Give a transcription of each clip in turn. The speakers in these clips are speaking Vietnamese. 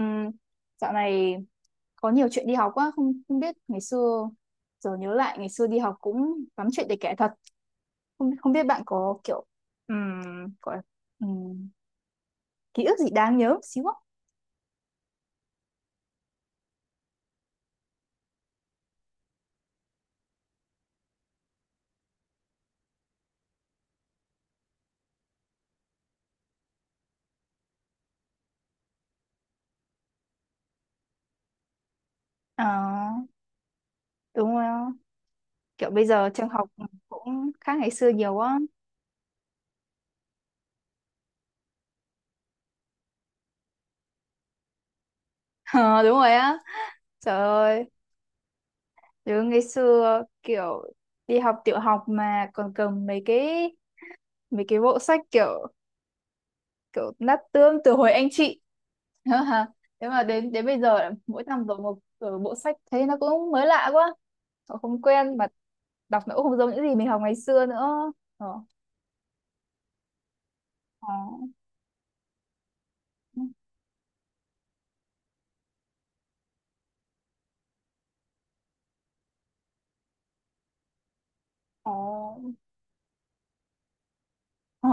Ừ, dạo này có nhiều chuyện đi học quá. Không không biết ngày xưa giờ nhớ lại ngày xưa đi học cũng lắm chuyện để kể thật. Không không biết bạn có kiểu ừm, gọi ừm, ký ức gì đáng nhớ một xíu không? À, đúng rồi á. Kiểu bây giờ trường học cũng khác ngày xưa nhiều quá. Ờ, đúng rồi á, trời ơi. Nhớ ngày xưa kiểu đi học tiểu học mà còn cầm mấy cái bộ sách kiểu kiểu nát tương từ hồi anh chị. Thế mà đến đến bây giờ là mỗi năm rồi một rồi bộ sách thấy nó cũng mới lạ quá, họ không quen mà. Đọc nó cũng không giống những gì mình học ngày xưa nữa. ờ Ờ, ờ, ờ.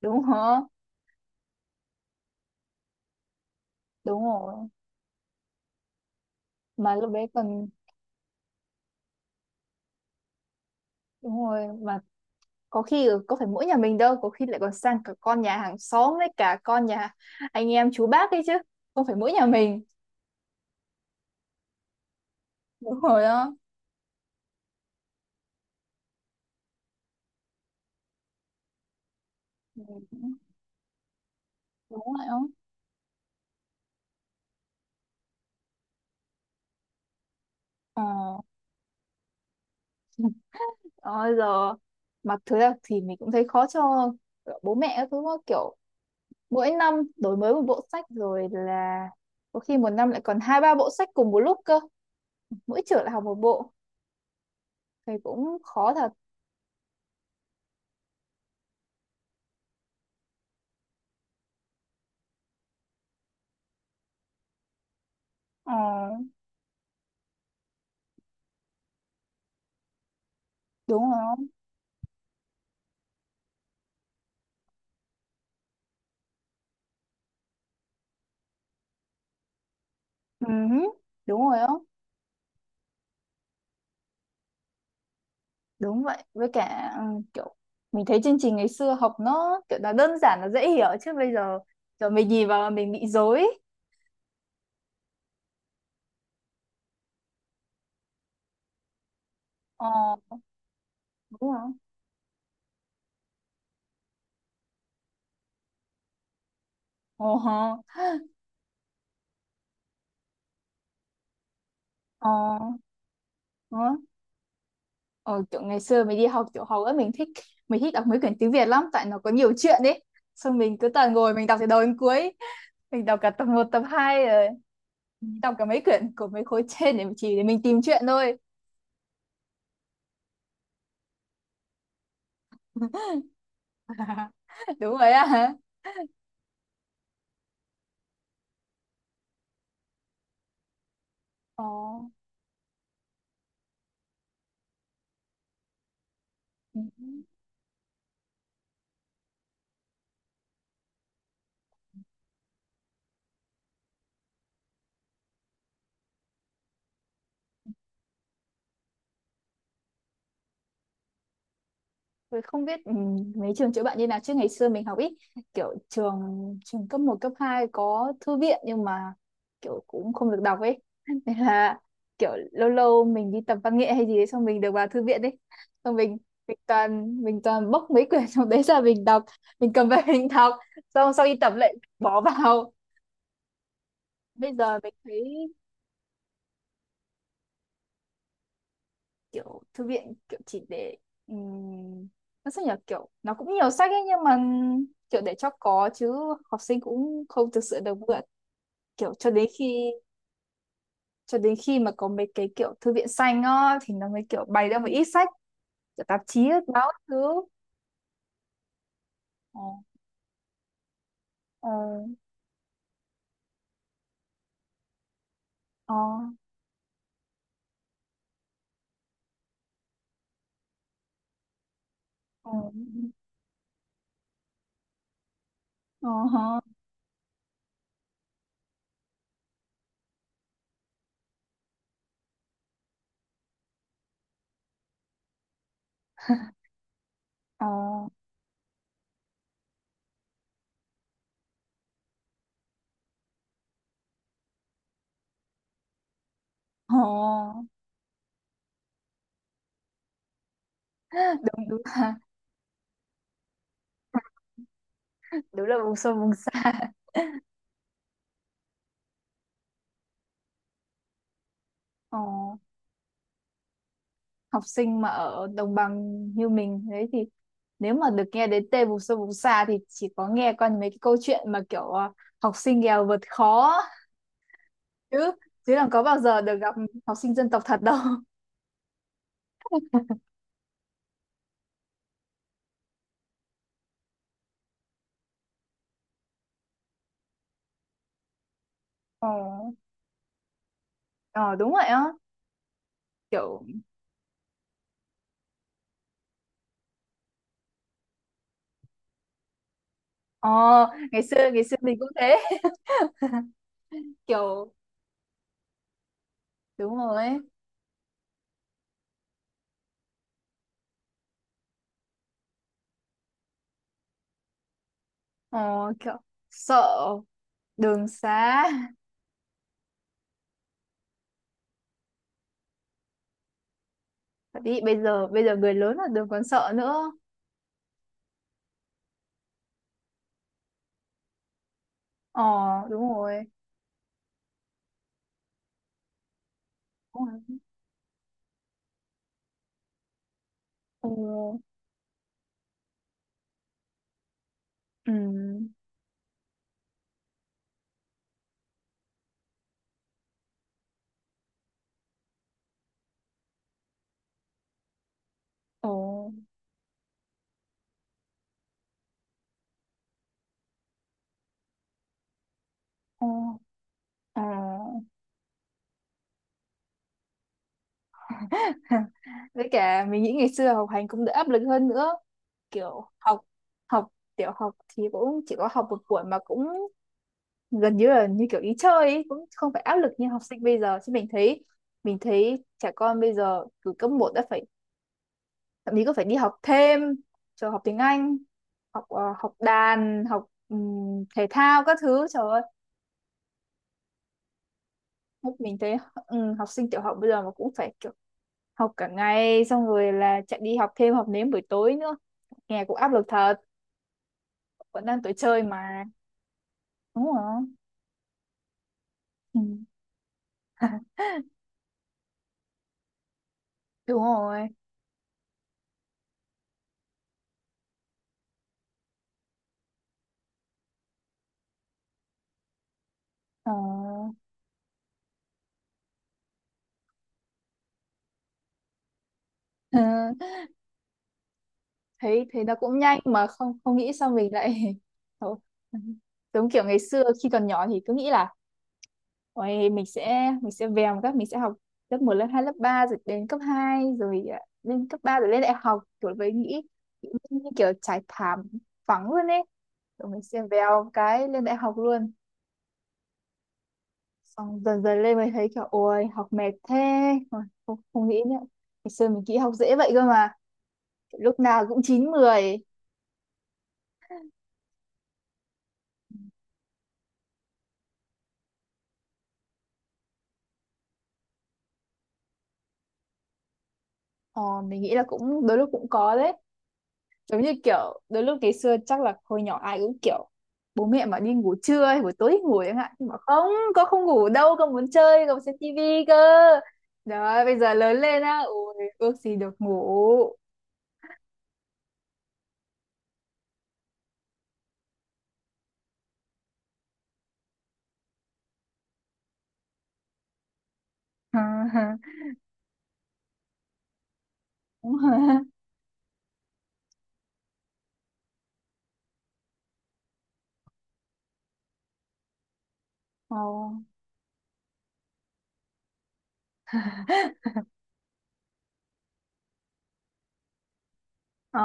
Đúng hả? Đúng rồi mà lúc đấy còn đúng rồi mà có khi có phải mỗi nhà mình đâu, có khi lại còn sang cả con nhà hàng xóm với cả con nhà anh em chú bác ấy chứ, không phải mỗi nhà mình. Đúng rồi đó. Ừ, đúng rồi đó. Ờ. Rồi giờ mặc thứ là thì mình cũng thấy khó cho bố mẹ các thứ đó, kiểu mỗi năm đổi mới một bộ sách rồi là có khi một năm lại còn hai ba bộ sách cùng một lúc cơ, mỗi trường lại học một bộ thì cũng khó thật. Ờ, đúng rồi không? Ừ, đúng rồi đó. Đúng vậy. Với cả kiểu mình thấy chương trình ngày xưa học nó kiểu là đơn giản là dễ hiểu, chứ bây giờ kiểu mình nhìn vào là mình bị rối. Ờ, đúng rồi. Ồ hờ. Ờ, ờ, Ờ, kiểu ngày xưa mình đi học tiểu học ấy, mình thích đọc mấy quyển tiếng Việt lắm tại nó có nhiều chuyện ấy. Xong mình cứ toàn ngồi mình đọc từ đầu đến cuối, mình đọc cả tập một tập 2 rồi đọc cả mấy quyển của mấy khối trên để chỉ để mình tìm chuyện thôi. Đúng rồi á hả. Ồ. Tôi không biết mấy trường chữa bệnh như nào chứ ngày xưa mình học ít, kiểu trường trường cấp một cấp 2 có thư viện nhưng mà kiểu cũng không được đọc ấy. Nên là kiểu lâu lâu mình đi tập văn nghệ hay gì đấy xong mình được vào thư viện đấy, xong mình mình toàn bốc mấy quyển trong đấy ra mình đọc, mình cầm về mình đọc, xong sau đi tập lại bỏ vào. Bây giờ mình thấy kiểu thư viện kiểu chỉ để um, nó sao nhỉ, kiểu nó cũng nhiều sách ấy nhưng mà kiểu để cho có chứ học sinh cũng không thực sự được mượn, kiểu cho đến khi mà có mấy cái kiểu thư viện xanh á thì nó mới kiểu bày ra một ít sách kiểu tạp chí ấy, báo các thứ. Ờ, ờ, ờ, ờ, ờ, ờ, ờ. Ờ. đúng đúng là vùng sâu vùng xa. ờ Học sinh mà ở đồng bằng như mình đấy thì nếu mà được nghe đến tên vùng sâu vùng xa thì chỉ có nghe qua mấy cái câu chuyện mà kiểu học sinh nghèo vượt khó chứ, chứ làm có bao giờ được gặp học sinh dân tộc thật đâu. Ờ, ờ, đúng rồi á, kiểu ờ ngày xưa mình cũng thế. Kiểu đúng rồi ấy. ờ Kiểu sợ đường xá thật, đi bây giờ người lớn là đường còn sợ nữa. Ờ, đúng rồi, đúng rồi. Ừ, ừ, ừ. Ờ, à. Với cả mình nghĩ ngày xưa học hành cũng đỡ áp lực hơn nữa, kiểu học học tiểu học thì cũng chỉ có học một buổi mà cũng gần như là như kiểu ý chơi ấy, cũng không phải áp lực như học sinh bây giờ chứ Mình thấy trẻ con bây giờ từ cấp một đã phải, thậm chí có phải đi học thêm cho học tiếng Anh, học học đàn, học thể thao các thứ, trời ơi. Lúc mình thấy học sinh tiểu học bây giờ mà cũng phải kiểu học cả ngày xong rồi là chạy đi học thêm học nếm buổi tối nữa, nghe cũng áp lực thật. Vẫn đang tuổi chơi mà, đúng không? Ừ. Đúng rồi. Ờ. Ừ. thấy thấy nó cũng nhanh mà không không nghĩ sao mình lại thôi. Giống kiểu ngày xưa khi còn nhỏ thì cứ nghĩ là ôi, mình sẽ vèo một các mình sẽ học lớp một lớp 2 lớp 3 rồi đến cấp 2 rồi à, lên cấp 3 rồi lên đại học kiểu với nghĩ nghĩ như kiểu trải thảm phẳng luôn ấy, rồi mình sẽ vèo cái lên đại học luôn. Xong dần dần lên mới thấy kiểu ôi học mệt thế. Ôi, không, không nghĩ nữa, ngày xưa mình nghĩ học dễ vậy cơ mà, lúc nào cũng 9 mười. Ờ, mình nghĩ là cũng đôi lúc cũng có đấy, giống như kiểu đôi lúc ngày xưa chắc là hồi nhỏ ai cũng kiểu bố mẹ mà đi ngủ trưa hay buổi tối thì ngủ chẳng hạn nhưng mà không, con không ngủ đâu, con muốn chơi, con muốn xem tivi cơ. Đó bây giờ lớn lên á, ôi ước gì được ngủ. Đúng rồi. Ờ. Ờ.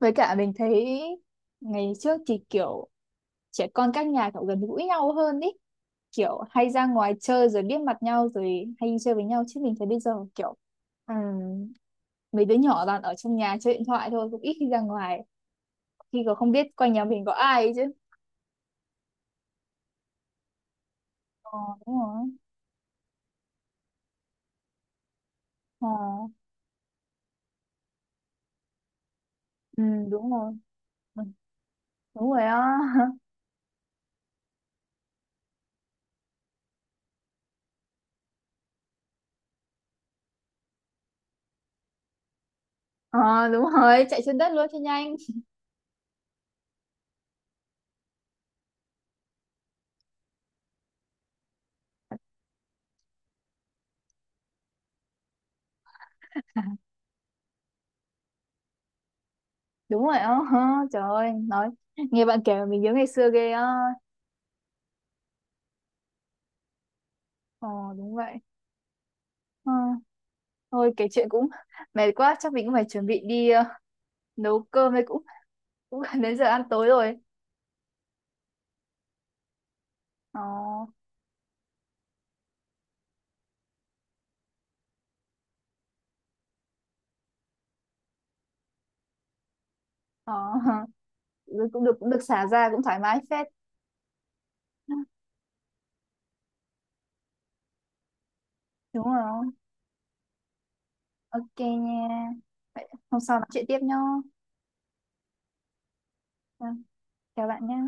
Với cả mình thấy ngày trước thì kiểu trẻ con các nhà kiểu gần gũi nhau hơn ý, kiểu hay ra ngoài chơi rồi biết mặt nhau rồi hay đi chơi với nhau, chứ mình thấy bây giờ kiểu Ừ, mấy đứa nhỏ toàn ở trong nhà chơi điện thoại thôi, cũng ít khi ra ngoài khi còn không biết quanh nhà mình có ai ấy chứ. Ờ, đúng rồi. Ờ, ừ, đúng rồi. Ừ, đúng rồi á. Ờ, đúng rồi, chạy trên đất luôn cho nhanh. Đúng rồi á. Ờ, trời ơi, nói nghe bạn kể mà mình nhớ ngày xưa ghê á. Ờ, đúng vậy. ờ, Thôi kể chuyện cũng mệt quá, chắc mình cũng phải chuẩn bị đi nấu cơm đây, cũng cũng gần đến giờ ăn tối rồi. Ờ, ờ. Cũng được, cũng được xả ra, cũng thoải mái phết. Đúng rồi. OK nha. Vậy hôm sau nói chuyện tiếp nhá. Vâng, chào bạn nhá.